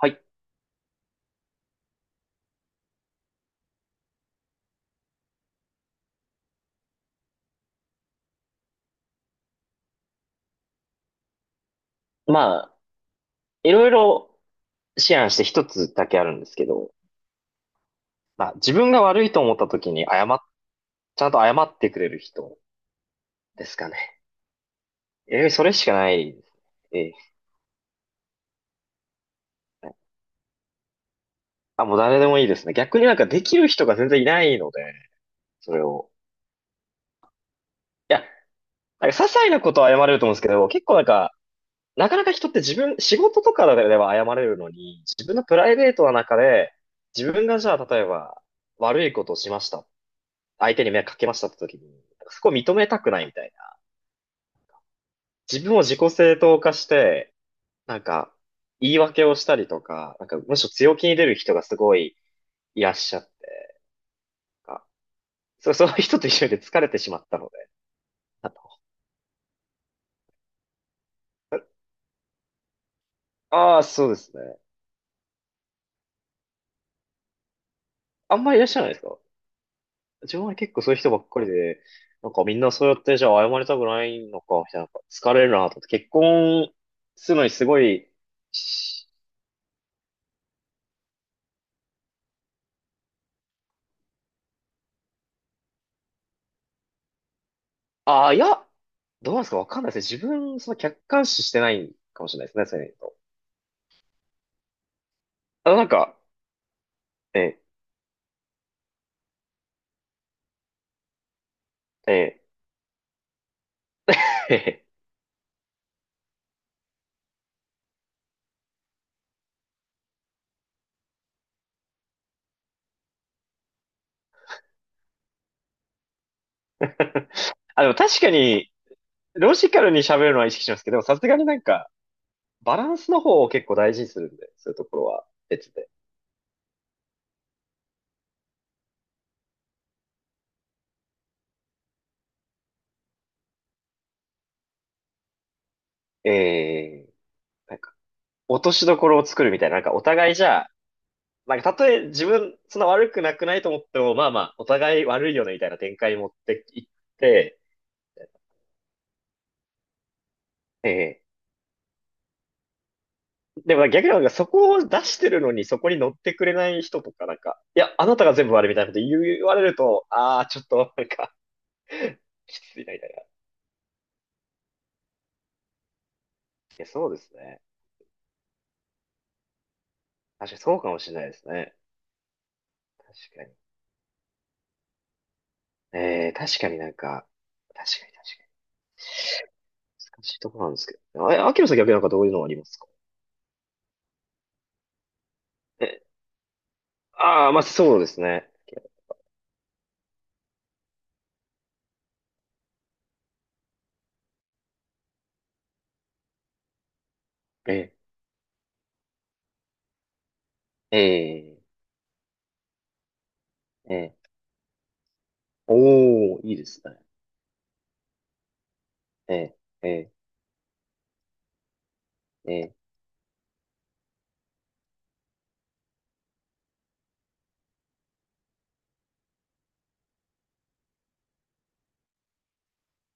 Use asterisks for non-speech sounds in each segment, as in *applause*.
はい。まあ、いろいろ思案して一つだけあるんですけど、まあ、自分が悪いと思った時にちゃんと謝ってくれる人ですかね。それしかないですね。ええ、あ、もう誰でもいいですね。逆になんかできる人が全然いないので、それを。いや、なんか些細なことは謝れると思うんですけど、結構なんか、なかなか人って自分、仕事とかでは謝れるのに、自分のプライベートの中で、自分がじゃあ例えば悪いことをしました。相手に迷惑かけましたって時に、なんかそこを認めたくないみたいな。自分を自己正当化して、なんか、言い訳をしたりとか、なんか、むしろ強気に出る人がすごいいらっしゃって、なんかそう、*laughs* そういう人と一緒で疲れてしまったので、あの、ああ、そうですね。あんまりいらっしゃらないですか？自分は結構そういう人ばっかりで、なんかみんなそうやってじゃあ謝りたくないのか、みたいな、なんか疲れるなと思って、結婚するのにすごい、しああ、いや、どうなんですか？わかんないですね。自分、その客観視してないかもしれないですね、そういうのと。あの、なんか、え、え、ええ *laughs* あ、でも確かに、ロジカルに喋るのは意識しますけど、でもさすがになんか、バランスの方を結構大事にするんで、そういうところは別で。えー、なんか、落としどころを作るみたいな、なんかお互いじゃあ、なんかたとえ自分、そんな悪くなくないと思っても、まあまあ、お互い悪いよね、みたいな展開に持っていって、えでも逆になんかそこを出してるのにそこに乗ってくれない人とかなんか、いや、あなたが全部悪いみたいなこと言われると、ああ、ちょっとなんか *laughs* きついなみたいな。いや、そうですね。確かにそうかもしれないですね。確かに。確かになんか、確かに確かに。難しいところなんですけどね。あ、秋野さん逆になんかどういうのありますか？え、ああ、まあそうですね。え、えー、えー、おー、いいですね。えー、えー、えー、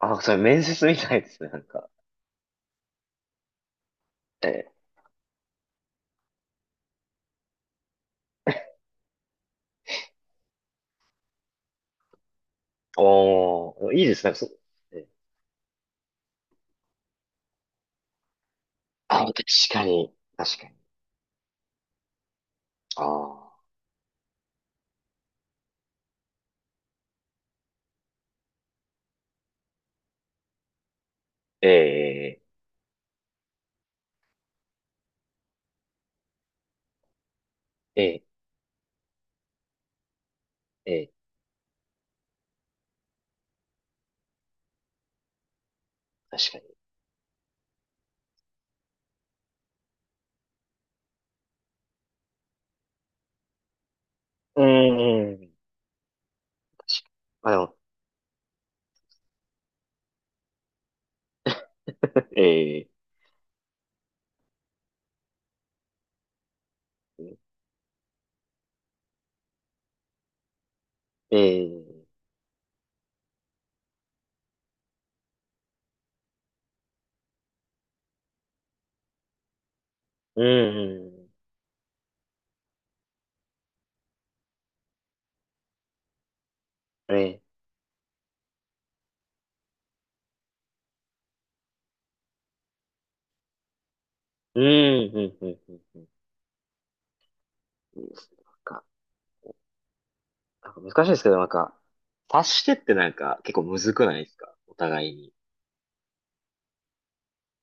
あ、それ面接みたいですね、なんか。えー、おー、いいですね、そう。えー、あ、確かに、確かに。ああ、えー、えー、えー、確かに。うーん、確かに。あ、でも、えー、ええ、うん、うん、ええ、うん、うん、うん、うん。うん、いいですね。なんか、なんか難しいですけど、なんか、察してってなんか結構むずくないですか？お互いに。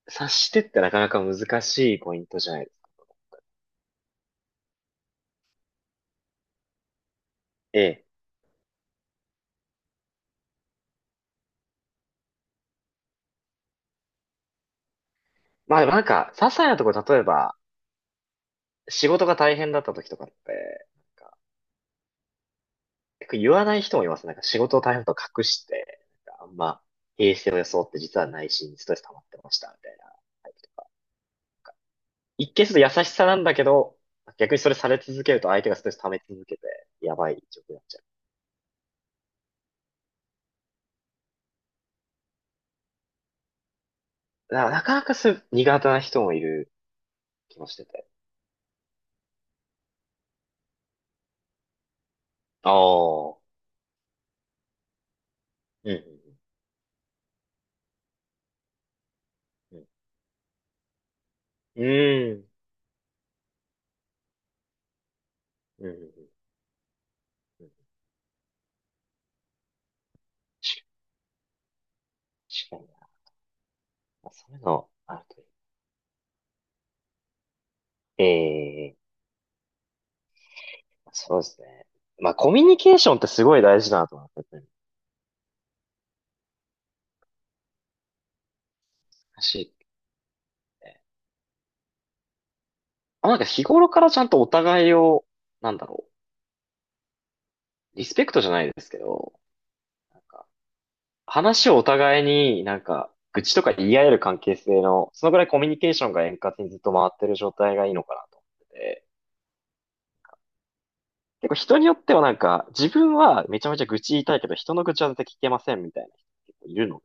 察してってなかなか難しいポイントじゃないですか？ええ。まあでもなんか、些細なところ、例えば、仕事が大変だった時とかって、なんか、結構言わない人もいます。なんか仕事を大変だと隠して、なんかあんま、平静を装って実は内心にストレス溜まってました、みたいな。一見すると優しさなんだけど、逆にそれされ続けると相手がストレス溜め続けて、やばい状況になっちゃう。だからなかなかそういう苦手な人もいる気もしてて。ああ。うんうんうんうん。うん。うんうんうんうん、確かに確かにな。まあそういうのあるといい。ええ、そうですね。まあ、コミュニケーションってすごい大事だなと思って難しいって。あ、なんか日頃からちゃんとお互いを、なんだろう、リスペクトじゃないですけど、なんか話をお互いになんか、愚痴とか言い合える関係性の、そのぐらいコミュニケーションが円滑にずっと回ってる状態がいいのかなと思ってて、結構人によってはなんか、自分はめちゃめちゃ愚痴言いたいけど、人の愚痴は絶対聞けませんみたいな人結構いるの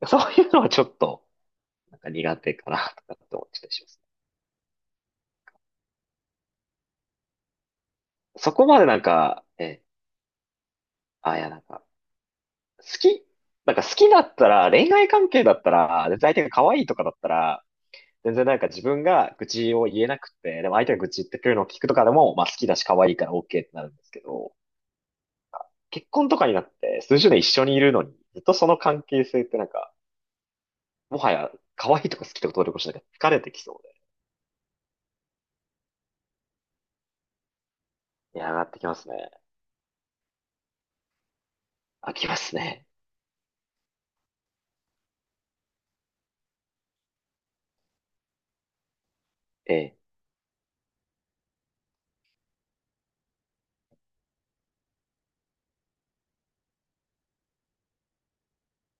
で、そういうのはちょっと、なんか苦手かなとかって思ってたりします。そこまでなんか、え、あ、いやなんか、好き、なんか好きだったら、恋愛関係だったら、で相手が可愛いとかだったら、全然なんか自分が愚痴を言えなくて、でも相手が愚痴言ってくるのを聞くとかでも、まあ好きだし可愛いから OK ってなるんですけど、結婚とかになって数十年一緒にいるのに、ずっとその関係性ってなんか、もはや可愛いとか好きとか努力しなきゃ疲れてきそうで。いや、上がってきますね。飽きますね。ええ。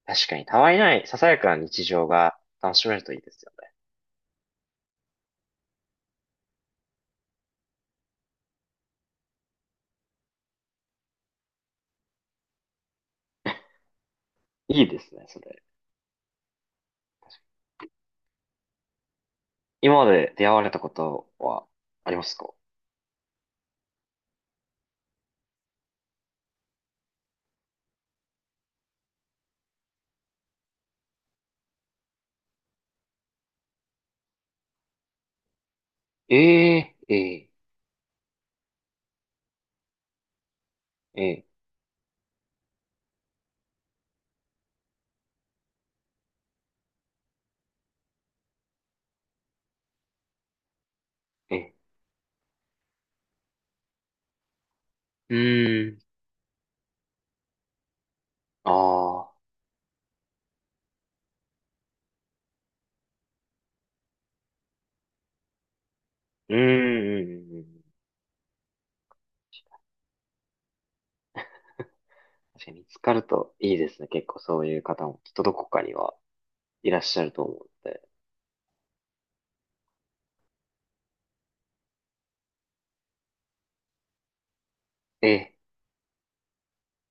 確かに、たわいない、ささやかな日常が楽しめるといいですよね。いいですね、それ。今まで出会われたことはありますか？ええ、ええ、ええ、ええ。うーん、ああ。うーんうんうんうん。確かに見つかるといいですね。結構そういう方もきっとどこかにはいらっしゃると思うので。ええ